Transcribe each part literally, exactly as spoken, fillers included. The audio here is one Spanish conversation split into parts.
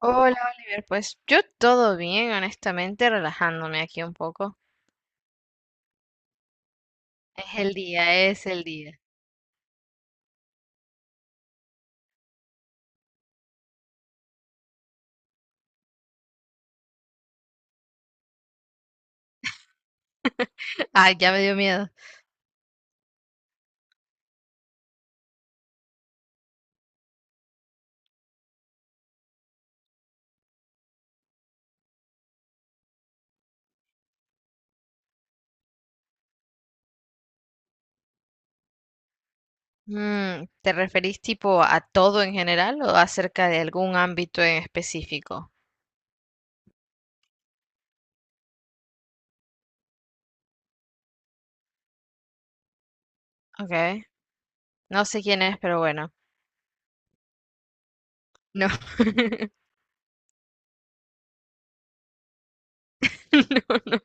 Hola Oliver, pues yo todo bien, honestamente, relajándome aquí un poco. Es el día, es el día. Ay, ya me dio miedo. Mm, ¿te referís tipo a todo en general o acerca de algún ámbito en específico? Ok, no sé quién es, pero bueno, no. No, no.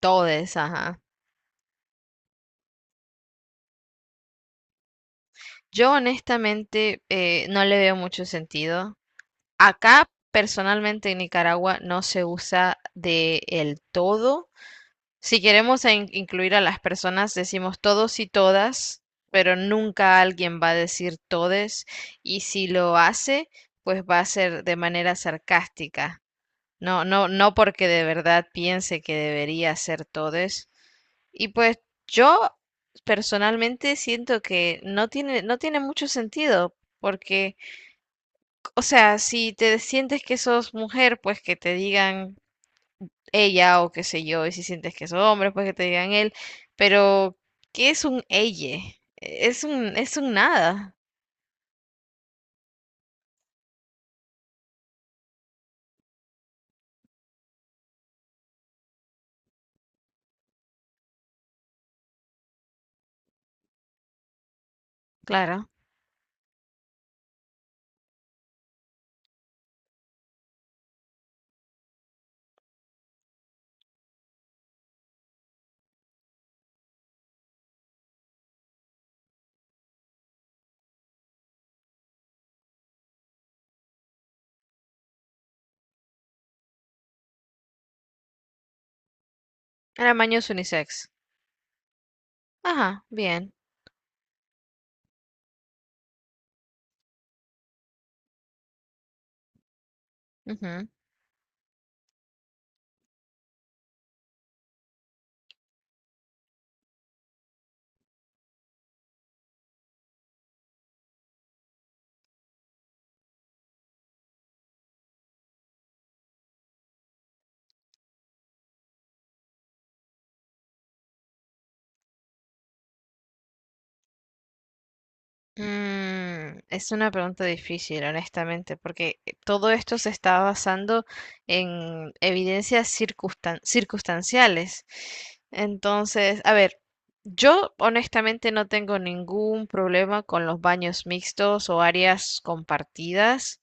Todes, ajá. Yo honestamente eh, no le veo mucho sentido. Acá, personalmente en Nicaragua, no se usa de el todo. Si queremos en- incluir a las personas, decimos todos y todas, pero nunca alguien va a decir todes, y si lo hace, pues va a ser de manera sarcástica. No, no, no porque de verdad piense que debería ser todes. Y pues yo personalmente siento que no tiene, no tiene mucho sentido, porque, o sea, si te sientes que sos mujer, pues que te digan ella o qué sé yo, y si sientes que es hombre, pues que te digan él, pero ¿qué es un ella? E, es un, es un nada, claro. Aramaño es unisex. Ajá, bien. Ujú. Mm, es una pregunta difícil, honestamente, porque eh, todo esto se está basando en evidencias circunstan- circunstanciales. Entonces, a ver, yo honestamente no tengo ningún problema con los baños mixtos o áreas compartidas,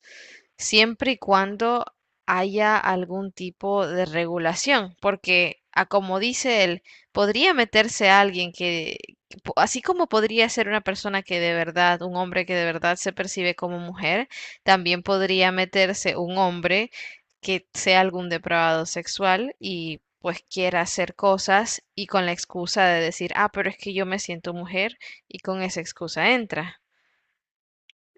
siempre y cuando haya algún tipo de regulación, porque a como dice él, podría meterse alguien que po- así como podría ser una persona que de verdad, un hombre que de verdad se percibe como mujer, también podría meterse un hombre que sea algún depravado sexual y pues quiera hacer cosas y con la excusa de decir, ah, pero es que yo me siento mujer y con esa excusa entra.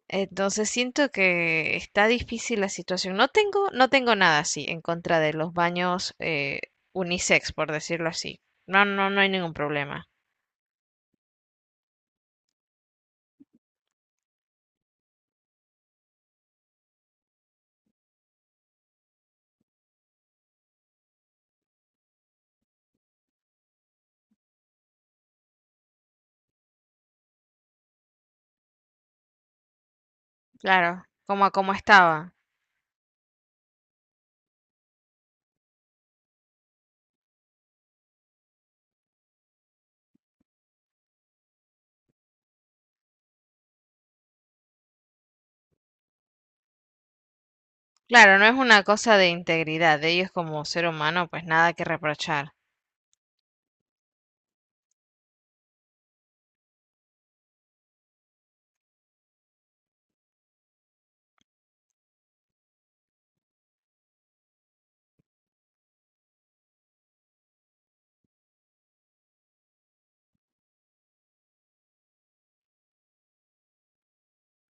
Entonces siento que está difícil la situación. No tengo, no tengo nada así en contra de los baños eh, unisex, por decirlo así. No, no, no hay ningún problema. Claro, como a como estaba. Claro, no es una cosa de integridad de ellos como ser humano, pues nada que reprochar.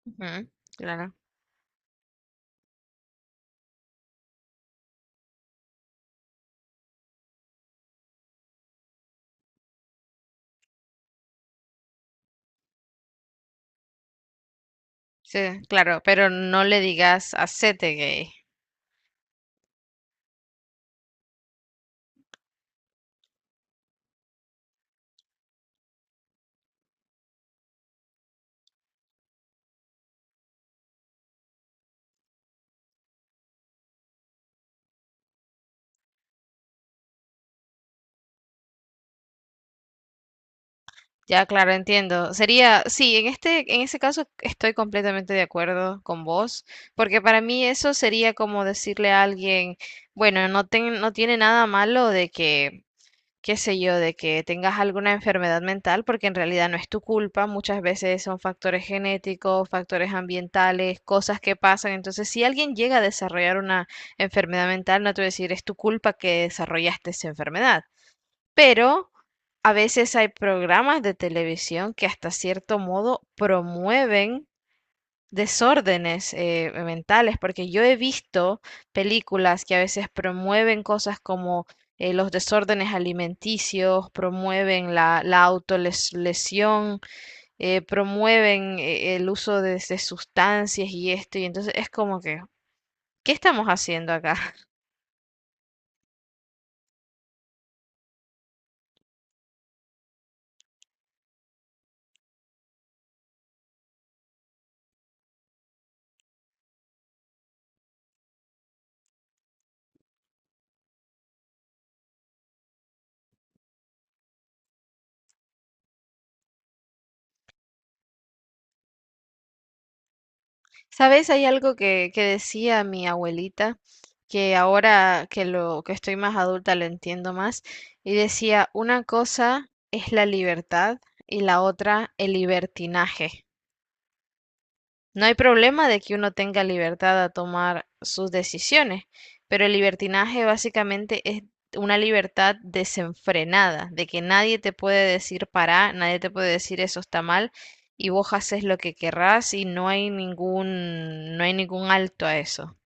Ujú, claro. Sí, claro, pero no le digas hacete gay. Ya, claro, entiendo. Sería, sí, en este, en ese caso estoy completamente de acuerdo con vos, porque para mí eso sería como decirle a alguien, bueno, no ten- no tiene nada malo de que qué sé yo, de que tengas alguna enfermedad mental, porque en realidad no es tu culpa, muchas veces son factores genéticos, factores ambientales, cosas que pasan. Entonces, si alguien llega a desarrollar una enfermedad mental, no te voy a decir, es tu culpa que desarrollaste esa enfermedad, pero... A veces hay programas de televisión que hasta cierto modo promueven desórdenes eh, mentales, porque yo he visto películas que a veces promueven cosas como eh, los desórdenes alimenticios, promueven la, la autolesión, eh, promueven eh, el uso de, de sustancias y esto, y entonces es como que, ¿qué estamos haciendo acá? ¿Sabes? Hay algo que, que decía mi abuelita, que ahora que lo que estoy más adulta lo entiendo más, y decía, una cosa es la libertad y la otra el libertinaje. No hay problema de que uno tenga libertad a tomar sus decisiones, pero el libertinaje básicamente es una libertad desenfrenada, de que nadie te puede decir para, nadie te puede decir eso está mal y vos haces lo que querrás y no hay ningún, no hay ningún alto a eso.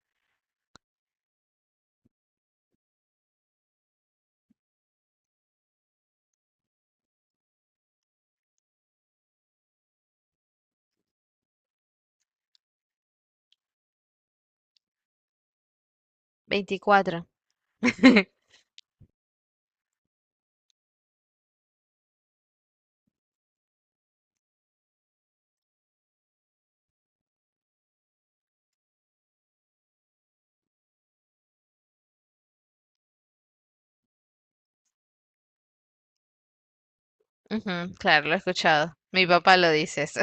Veinticuatro. Ujú, claro, lo he escuchado. Mi papá lo dice eso.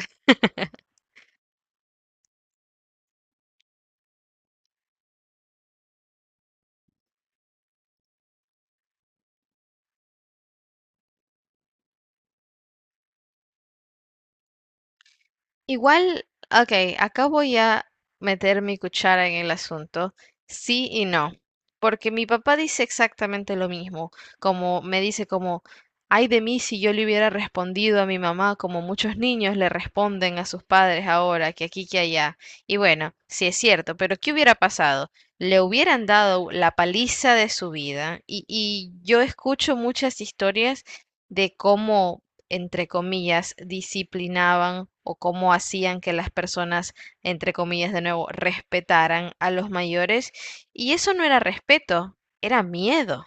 Igual, ok, acá voy a meter mi cuchara en el asunto, sí y no, porque mi papá dice exactamente lo mismo, como me dice como, ay de mí si yo le hubiera respondido a mi mamá como muchos niños le responden a sus padres ahora, que aquí, que allá. Y bueno, sí es cierto, pero ¿qué hubiera pasado? Le hubieran dado la paliza de su vida y, y yo escucho muchas historias de cómo entre comillas, disciplinaban o cómo hacían que las personas, entre comillas, de nuevo, respetaran a los mayores. Y eso no era respeto, era miedo.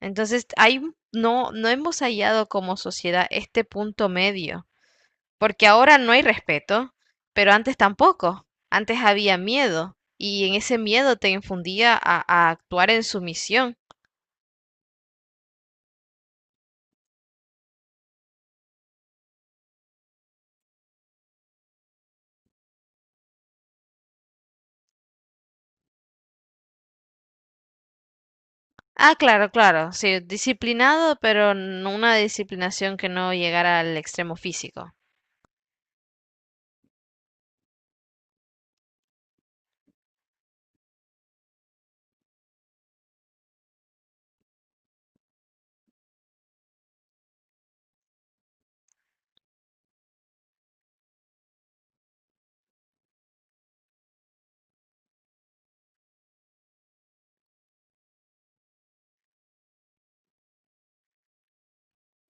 Entonces, hay, no, no hemos hallado como sociedad este punto medio, porque ahora no hay respeto, pero antes tampoco. Antes había miedo y en ese miedo te infundía a, a actuar en sumisión. Ah, claro, claro, sí, disciplinado, pero no una disciplinación que no llegara al extremo físico.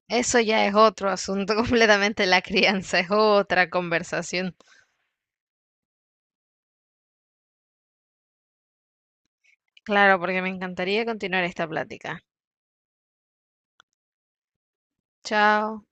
Eso ya es otro asunto completamente, la crianza es otra conversación. Claro, porque me encantaría continuar esta plática. Chao.